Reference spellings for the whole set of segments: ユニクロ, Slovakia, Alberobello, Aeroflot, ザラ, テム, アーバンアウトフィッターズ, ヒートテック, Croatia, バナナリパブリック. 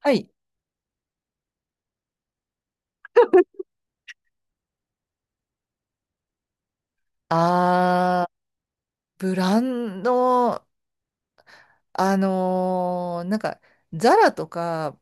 はい。あー、ブランド、あのーなんか、ザラとか、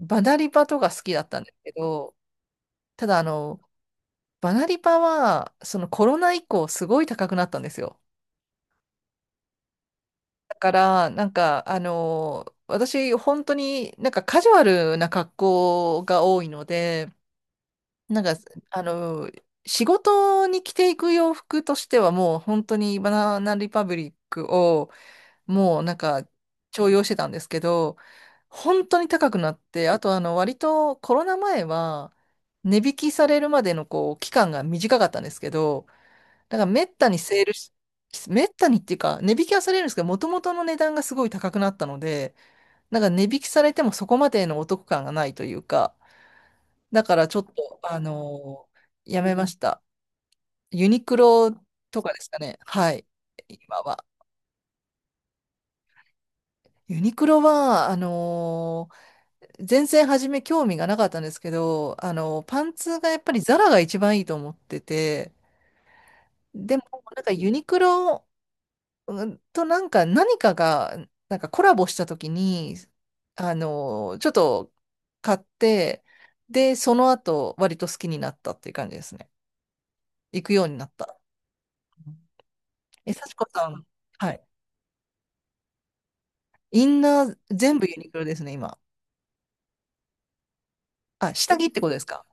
バナリパとか好きだったんですけど、ただ、バナリパは、そのコロナ以降、すごい高くなったんですよ。だから、私、本当にカジュアルな格好が多いので、なんか、仕事に着ていく洋服としては、もう本当にバナナリパブリックを、もう重用してたんですけど、本当に高くなって、あと割とコロナ前は値引きされるまでのこう期間が短かったんですけど、だからめったにっていうか値引きはされるんですけど、もともとの値段がすごい高くなったので、値引きされてもそこまでのお得感がないというか、だからちょっとやめました。ユニクロとかですかね。はい。今は。ユニクロは、全然初め興味がなかったんですけど、パンツがやっぱりザラが一番いいと思ってて、でもユニクロ何かが、コラボした時に、ちょっと買って、で、その後割と好きになったっていう感じですね。行くようになった。え、幸子さん、はい。インナー全部ユニクロですね、今。あ、下着ってことですか？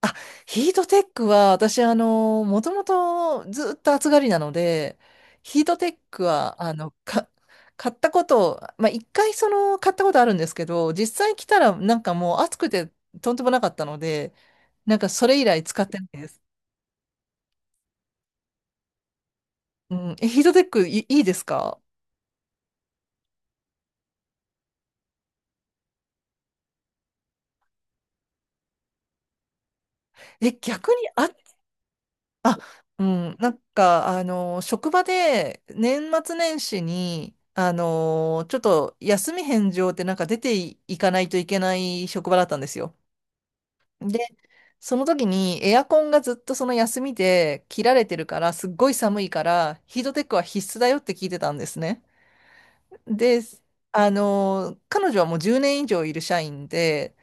あ、ヒートテックは、私、もともとずっと暑がりなので、ヒートテックは、買ったこと、まあ、一回買ったことあるんですけど、実際来たら、もう暑くて、とんでもなかったので、それ以来使ってないです。うん。ヒートテック、いいですか？え、逆に？あ、うん、職場で年末年始に、ちょっと休み返上って出てい、いかないといけない職場だったんですよ。で、その時にエアコンがずっとその休みで切られてるから、すっごい寒いから、ヒートテックは必須だよって聞いてたんですね。で、彼女はもう10年以上いる社員で、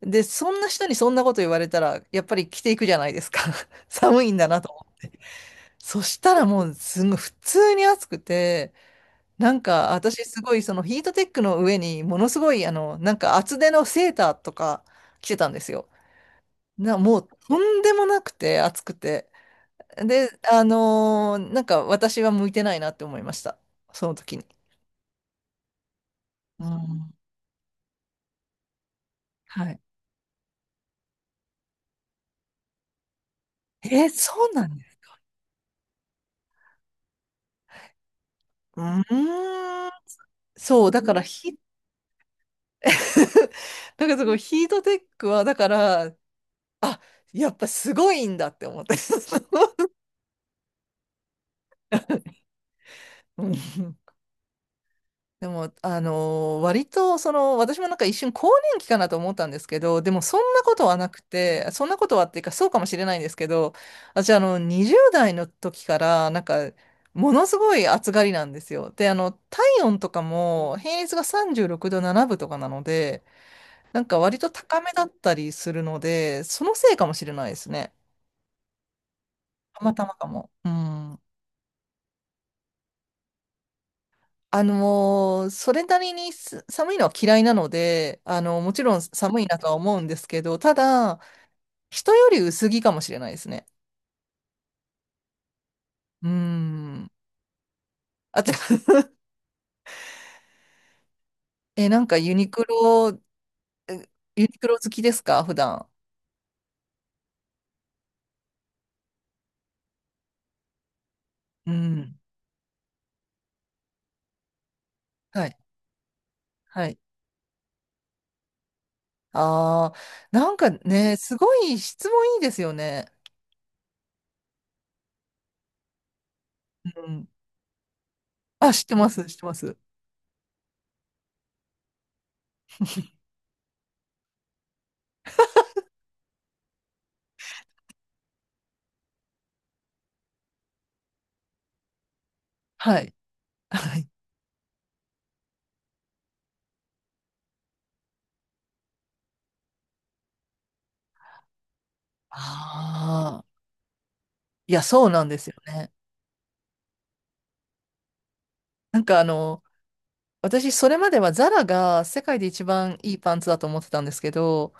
で、そんな人にそんなこと言われたら、やっぱり着ていくじゃないですか。寒いんだなと。そしたらもうすごい普通に暑くて、私すごいそのヒートテックの上にものすごい厚手のセーターとか着てたんですよ。もうとんでもなくて暑くて。で、私は向いてないなって思いました。その時に。うん。はい。そうなんです。うーん。そう、だからヒ、だからそこヒートテックは、だから、あ、やっぱすごいんだって思って。うん。 でも、割と、私も一瞬更年期かなと思ったんですけど、でもそんなことはなくて、そんなことはっていうか、そうかもしれないんですけど、私、20代の時から、ものすごい暑がりなんですよ。で、体温とかも、平熱が36度7分とかなので、割と高めだったりするので、そのせいかもしれないですね。たまたまかも。うん。それなりに寒いのは嫌いなので、もちろん寒いなとは思うんですけど、ただ、人より薄着かもしれないですね。うーん。あと え、なんかユニクロ、えユニクロ好きですか普段？うん。はい。はい。ああ、ね、すごい質問いいですよね。うん。あ、知ってます、知ってます。はい。はい。ああ、いや、そうなんですよね。なんかあの、私、それまではザラが世界で一番いいパンツだと思ってたんですけど、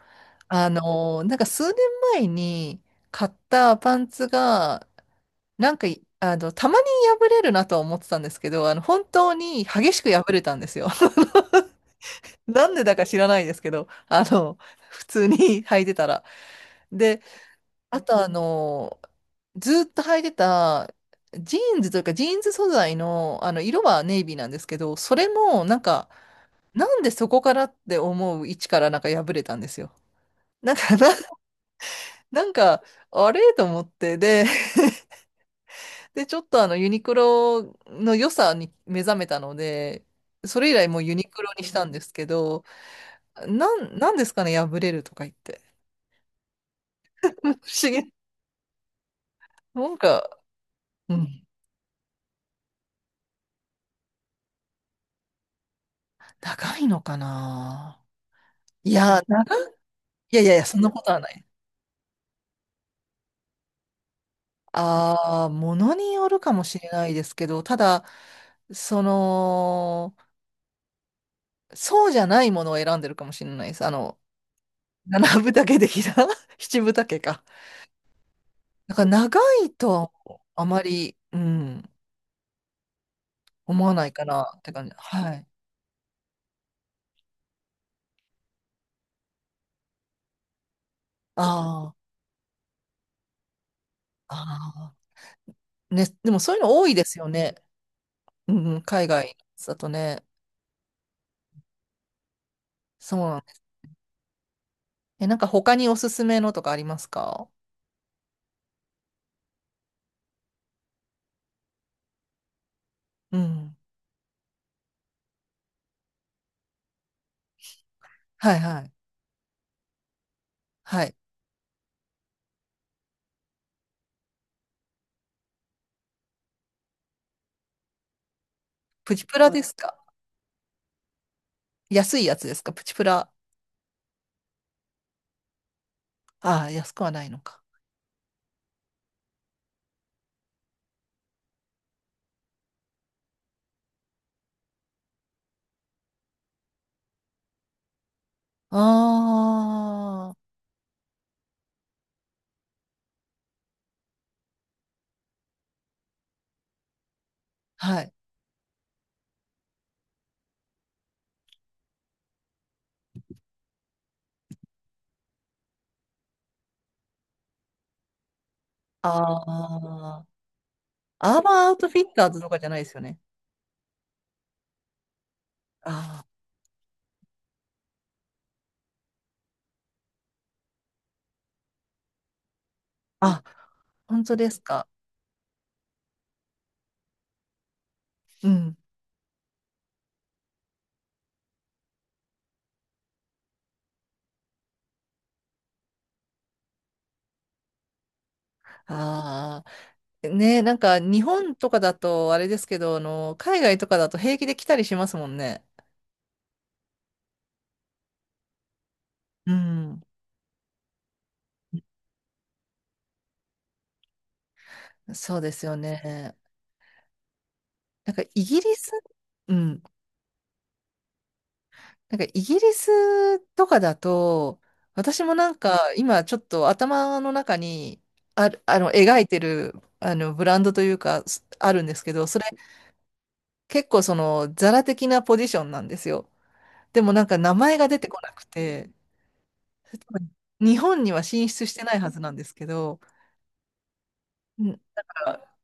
数年前に買ったパンツが、なんかい、あの、たまに破れるなとは思ってたんですけど、本当に激しく破れたんですよ。なんでだか知らないですけど、普通に 履いてたら。で、あとずっと履いてた、ジーンズというか、ジーンズ素材の、色はネイビーなんですけど、それも、なんでそこからって思う位置から破れたんですよ。なんか、な、なんか、あれと思って、で、ちょっとユニクロの良さに目覚めたので、それ以来もうユニクロにしたんですけど、なんですかね、破れるとか言って。不思議。なんか、うん、高いのかな。いや、長い、いやいやいや、そんなことはない。ああ、ものによるかもしれないですけど、ただ、その、そうじゃないものを選んでるかもしれないです。七分丈的な 七分丈か。だから長いとはあまり、うん、思わないかなって感じ。はい。ああ、ああ。ね、でもそういうの多いですよね。うん、うん海外だとね。そうなんです。え、他におすすめのとかありますか？うん。はいはい。はい。プチプラですか？安いやつですか？プチプラ。ああ、安くはないのか。ああ、はい。ああ。アーバンアウトフィッターズとかじゃないですよね。ああ、あ、本当ですか？うん。ああ、ね、日本とかだとあれですけど、海外とかだと平気で来たりしますもんね。うん。そうですよね。なんかイギリス、うん。イギリスとかだと、私も今ちょっと頭の中にある、描いてる、ブランドというか、あるんですけど、それ結構ザラ的なポジションなんですよ。でも名前が出てこなくて、日本には進出してないはずなんですけど、うんだから、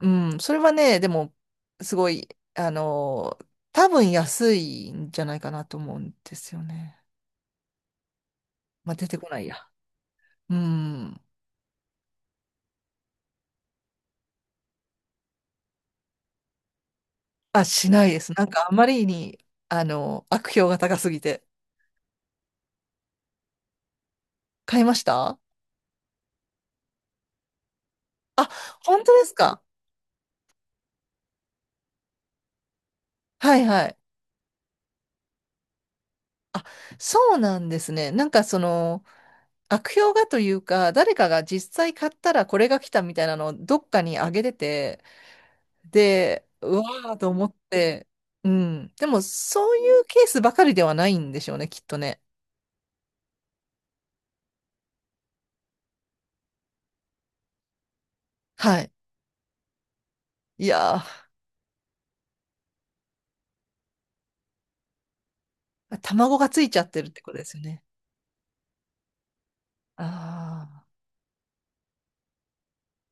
うん、それはね、でも、すごい、あの、多分安いんじゃないかなと思うんですよね。まあ、出てこないや。うん。あ、しないです。あまりに、悪評が高すぎて。買いました？あ、本当ですか？はいはい。あ、そうなんですね。悪評がというか、誰かが実際買ったらこれが来たみたいなのをどっかにあげてて、で、うわーと思って、うん。でも、そういうケースばかりではないんでしょうね、きっとね。はい。いやー、卵がついちゃってるってことですよね。ああ、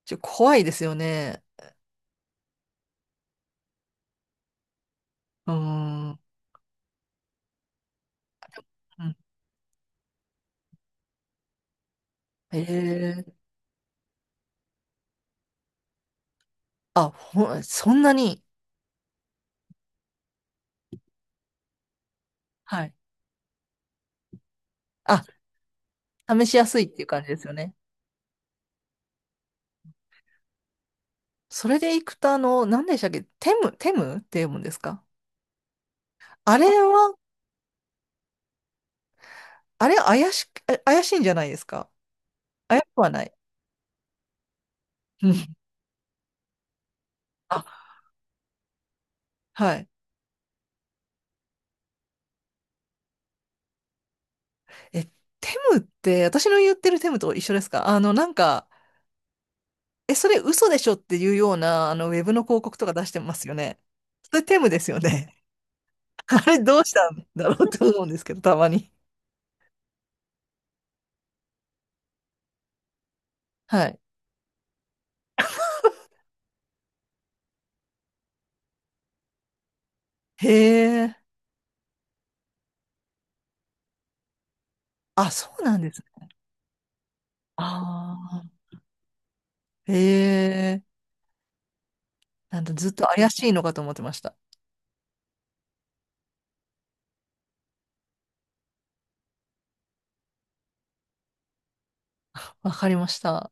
怖いですよね。うーん。うん。へえ。あ、そんなに。はい。あ、試しやすいっていう感じですよね。それでいくと、何でしたっけ、テム、テムって読むんですか？あれは、あれ怪しく、あ怪しいんじゃないですか？怪しくはない。うん。あ、はい。え、テムって、私の言ってるテムと一緒ですか？え、それ嘘でしょっていうような、ウェブの広告とか出してますよね。それテムですよね。あれどうしたんだろうと思うんですけど、たまに。はい。へえ。あ、そうなんですね。ああ。へえ。なんだずっと怪しいのかと思ってました。わかりました。